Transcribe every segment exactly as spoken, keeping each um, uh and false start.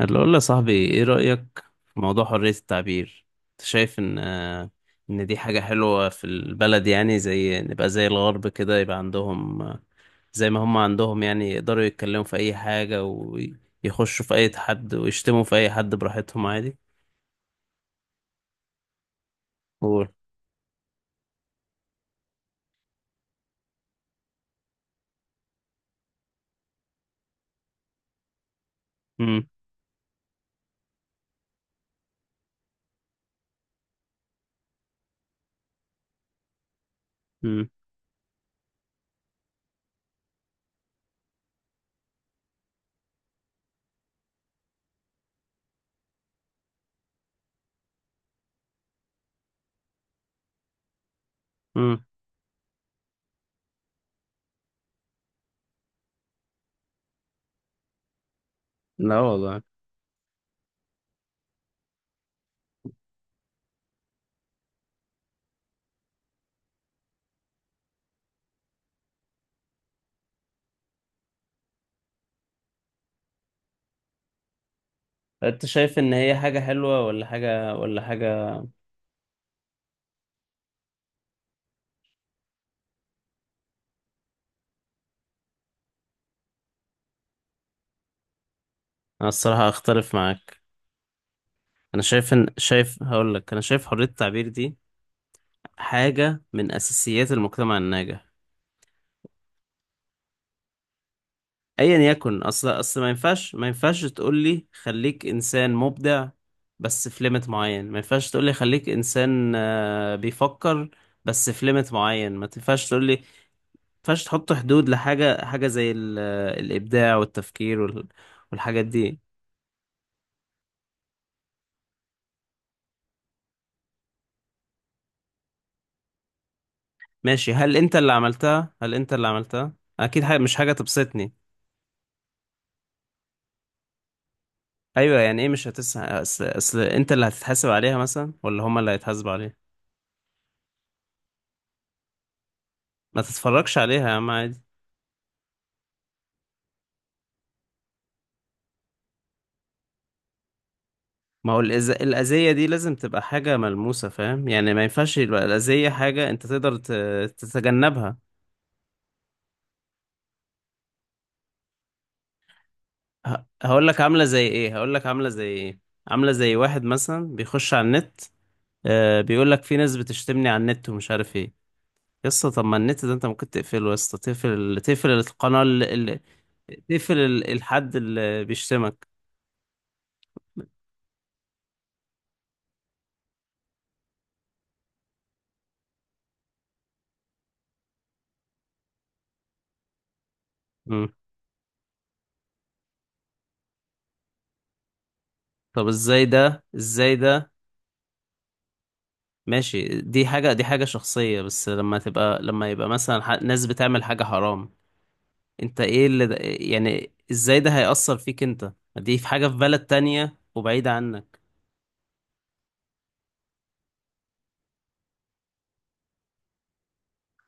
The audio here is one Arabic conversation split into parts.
اللي اقول له يا صاحبي، ايه رأيك في موضوع حرية التعبير؟ انت شايف ان آه، ان دي حاجة حلوة في البلد؟ يعني زي نبقى زي الغرب كده، يبقى عندهم آه، زي ما هم عندهم، يعني يقدروا يتكلموا في اي حاجة ويخشوا في اي حد ويشتموا في اي حد براحتهم عادي. قول. مم. مم. مم. لا والله. انت شايف ان هي حاجة حلوة ولا حاجة ولا حاجة انا الصراحة اختلف معاك. انا شايف ان شايف هقول لك، انا شايف حرية التعبير دي حاجة من أساسيات المجتمع الناجح. أيا يكن، أصل أصل ما ينفعش ما ينفعش تقولي خليك إنسان مبدع. بس في ليميت معين، ما ينفعش تقولي خليك إنسان آه، بيفكر. بس في ليميت معين ما تنفعش تقولي ما ينفعش تحط حدود لحاجة، حاجة زي ال- آه، الإبداع والتفكير وال- والحاجات دي. ماشي، هل أنت اللي عملتها؟ هل أنت اللي عملتها؟ أكيد حاجة، مش حاجة تبسطني. أيوة، يعني إيه؟ مش هتس... أصل أصل أنت اللي هتتحاسب عليها مثلا ولا هما اللي هيتحاسبوا عليها؟ ما تتفرجش عليها يا عم، عادي. ما هو الأز... الأذية دي لازم تبقى حاجة ملموسة، فاهم؟ يعني ما ينفعش يبقى الأذية حاجة أنت تقدر ت... تتجنبها. ه... هقول لك عاملة زي إيه؟ هقول لك عاملة زي إيه عاملة زي واحد مثلا بيخش على النت، آه بيقول لك في ناس بتشتمني على النت ومش عارف إيه. يسطا، طب ما النت ده أنت ممكن تقفله. يسطا، تقفل تقفل القناة اللي... تقفل ال- الحد اللي بيشتمك. مم. طب ازاي ده؟ ازاي ده ماشي، دي حاجة دي حاجة شخصية. بس لما تبقى، لما يبقى مثلا ح- ناس بتعمل حاجة حرام. انت، ايه اللي ده يعني؟ ازاي ده هيأثر فيك انت؟ دي في حاجة في بلد تانية وبعيدة عنك.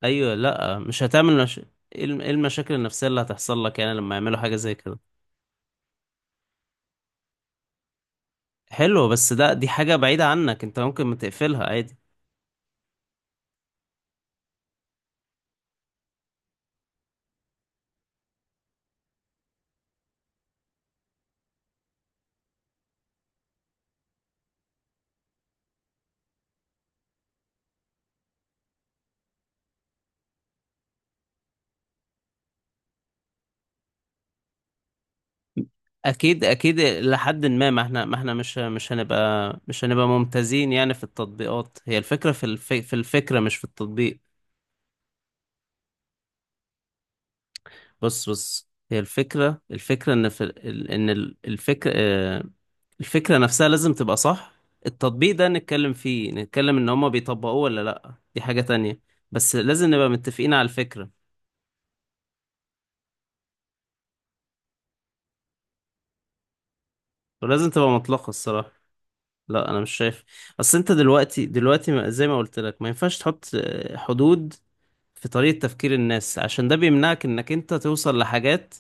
ايوه، لا مش هتعمل مش... ايه الم- إيه المشاكل النفسية اللي هتحصل لك يعني لما يعملوا حاجة زي كده؟ حلو، بس ده دي حاجة بعيدة عنك، انت ممكن ما تقفلها عادي. اكيد اكيد، لحد ما ما احنا ما احنا مش مش هنبقى مش هنبقى ممتازين، يعني في التطبيقات. هي الفكرة في الف... في الفكرة، مش في التطبيق. بص بص، هي الفكرة، الفكرة إن في ال- إن ال- الفكرة آه، الفكرة نفسها لازم تبقى صح. التطبيق ده نتكلم فيه، نتكلم إن هما بيطبقوه ولا لأ، دي حاجة تانية. بس لازم نبقى متفقين على الفكرة. ولازم تبقى مطلقة الصراحة. لا أنا مش شايف. أصل أنت دلوقتي، دلوقتي ما- زي ما قلت لك، ما ينفعش تحط آه، حدود في طريقة تفكير الناس، عشان ده بيمنعك إنك أنت توصل لحاجات.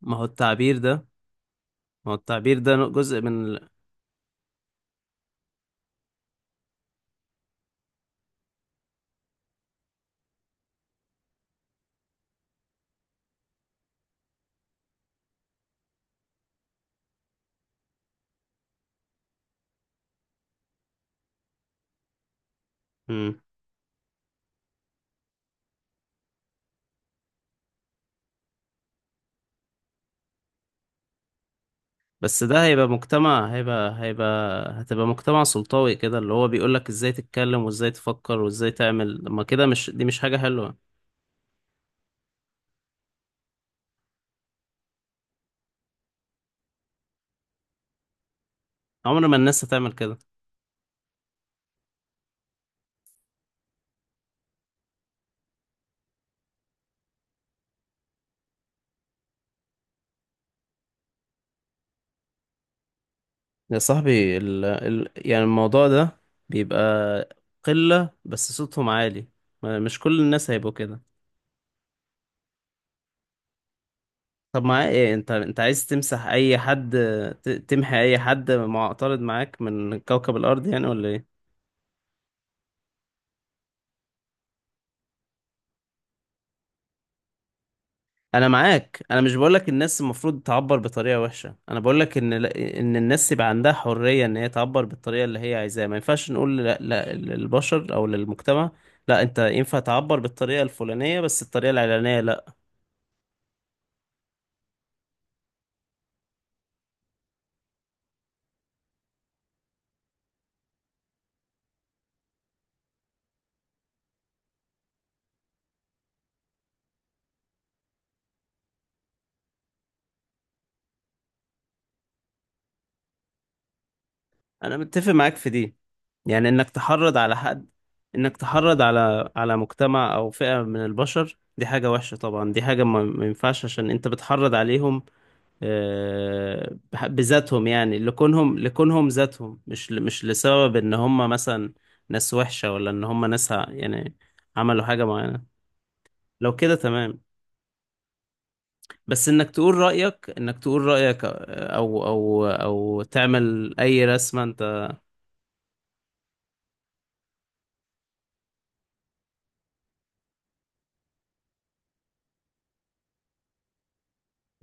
ما هو التعبير ده، ما هو التعبير ده جزء من ال... بس ده هيبقى مجتمع هيبقى هيبقى هتبقى مجتمع سلطوي كده، اللي هو بيقولك ازاي تتكلم وازاي تفكر وازاي تعمل. ما كده مش، دي مش حاجة حلوة. عمر ما الناس هتعمل كده. يا صاحبي، ال... ال... يعني الموضوع ده بيبقى قلة بس صوتهم عالي. ما- مش كل الناس هيبقوا كده. طب معاه ايه؟ انت انت عايز تمسح اي حد؟ ت... تمحي اي حد معترض معاك من كوكب الارض يعني، ولا ايه؟ انا معاك. انا مش بقولك الناس المفروض تعبر بطريقه وحشه، انا بقولك ان ان الناس يبقى عندها حريه ان هي تعبر بالطريقه اللي هي عايزاها. ما ينفعش نقول لا، لا للبشر او للمجتمع. لا، انت ينفع تعبر بالطريقه الفلانيه، بس الطريقه العلانيه لا. انا متفق معاك في دي، يعني انك تحرض على حد، انك تحرض على على مجتمع او فئه من البشر، دي حاجه وحشه طبعا، دي حاجه ما ما ينفعش، عشان انت بتحرض عليهم آه، بح- بذاتهم، يعني لكونهم لكونهم ذاتهم، مش ل- مش لسبب ان هم مثلا ناس وحشة، ولا ان هم ناس ع- يعني عملوا حاجة معينة. لو كده تمام. بس انك تقول رأيك انك تقول رأيك، آه، او او او تعمل اي رسمة انت.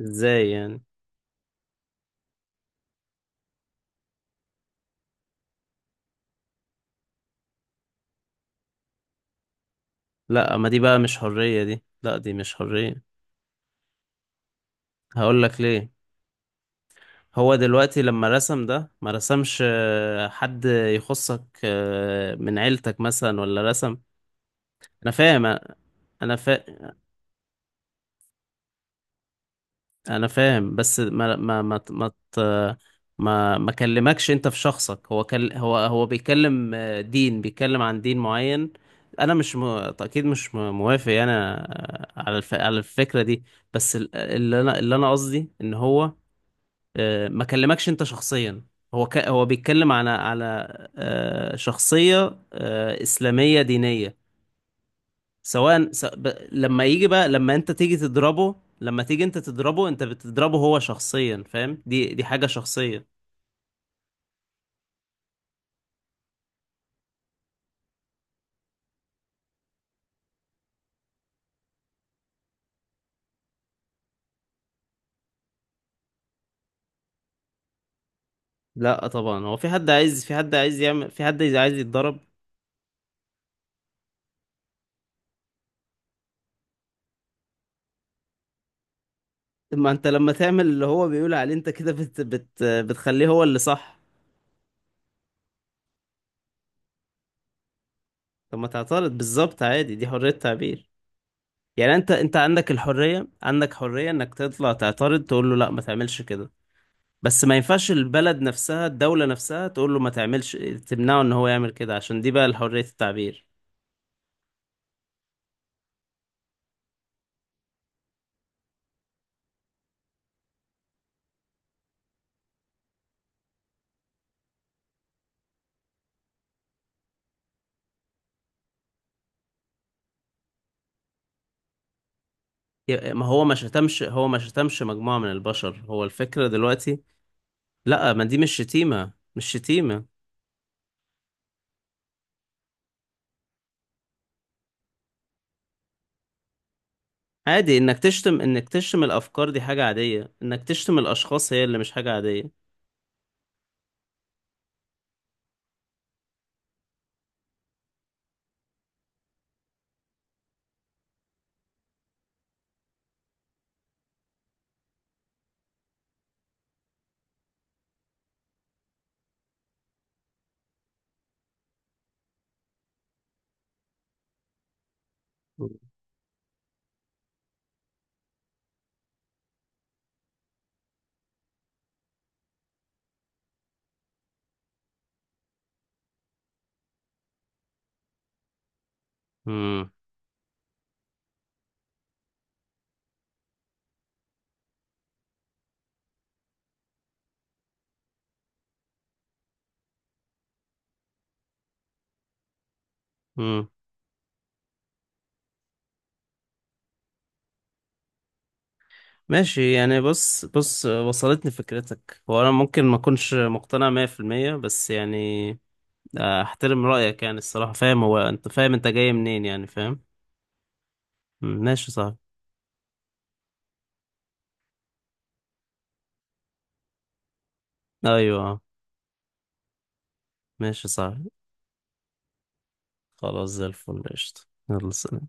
ازاي يعني؟ لا، ما دي بقى مش حرية، دي لا دي مش حرية. هقول لك ليه. هو دلوقتي لما رسم ده، ما رسمش آه، حد يخصك آه، من عيلتك مثلا، ولا رسم؟ انا فاهم. انا فا... انا فاهم، بس ما ما ما ما ت- ما ما كلمكش انت في شخصك. هو كل... هو هو بيتكلم آه، دين بيتكلم عن دين معين. انا مش م... اكيد مش م- موافق يعني آه، على الف... على الفكرة دي. بس ال- اللي انا اللي انا قصدي ان هو آه، ما كلمكش انت شخصيا. هو ك... هو بيتكلم على على آه، شخصية آه، إسلامية دينية، سواء س... ب... لما يجي بقى، لما انت تيجي تضربه لما تيجي انت تضربه، انت بتضربه هو شخصيا، فاهم؟ دي دي حاجة شخصية. لا طبعا هو في حد عايز، في حد عايز يعمل في حد عايز يتضرب. ما انت لما تعمل اللي هو بيقول عليه، انت كده بت... بت... بتخليه هو اللي صح. طب ما تعترض بالظبط، عادي، دي حرية تعبير. يعني انت انت عندك الحرية، عندك حرية انك تطلع تعترض تقول له لا ما تعملش كده. بس ما ينفعش البلد نفسها الدولة نفسها تقول له ما تعملش، تمنعه ان هو يعمل كده، عشان دي بقى حرية التعبير. ي- ما هو ما شتمش هو ما شتمش مجموعة من البشر، هو الفكرة دلوقتي. لا، ما دي مش شتيمة، مش شتيمة عادي، انك تشتم انك تشتم الافكار دي حاجة عادية. انك تشتم الاشخاص هي اللي مش حاجة عادية. امم. امم. ماشي يعني، بص بص، وصلتني فكرتك. هو انا ممكن ما اكونش مقتنع مية في المية بس يعني آه، احترم رأيك يعني الصراحة، فاهم؟ هو انت فاهم انت جاي منين يعني، فاهم. مم، ماشي، صح. ايوه، ماشي، صح. خلاص، زي الفل، قشطة. يلا، سلام.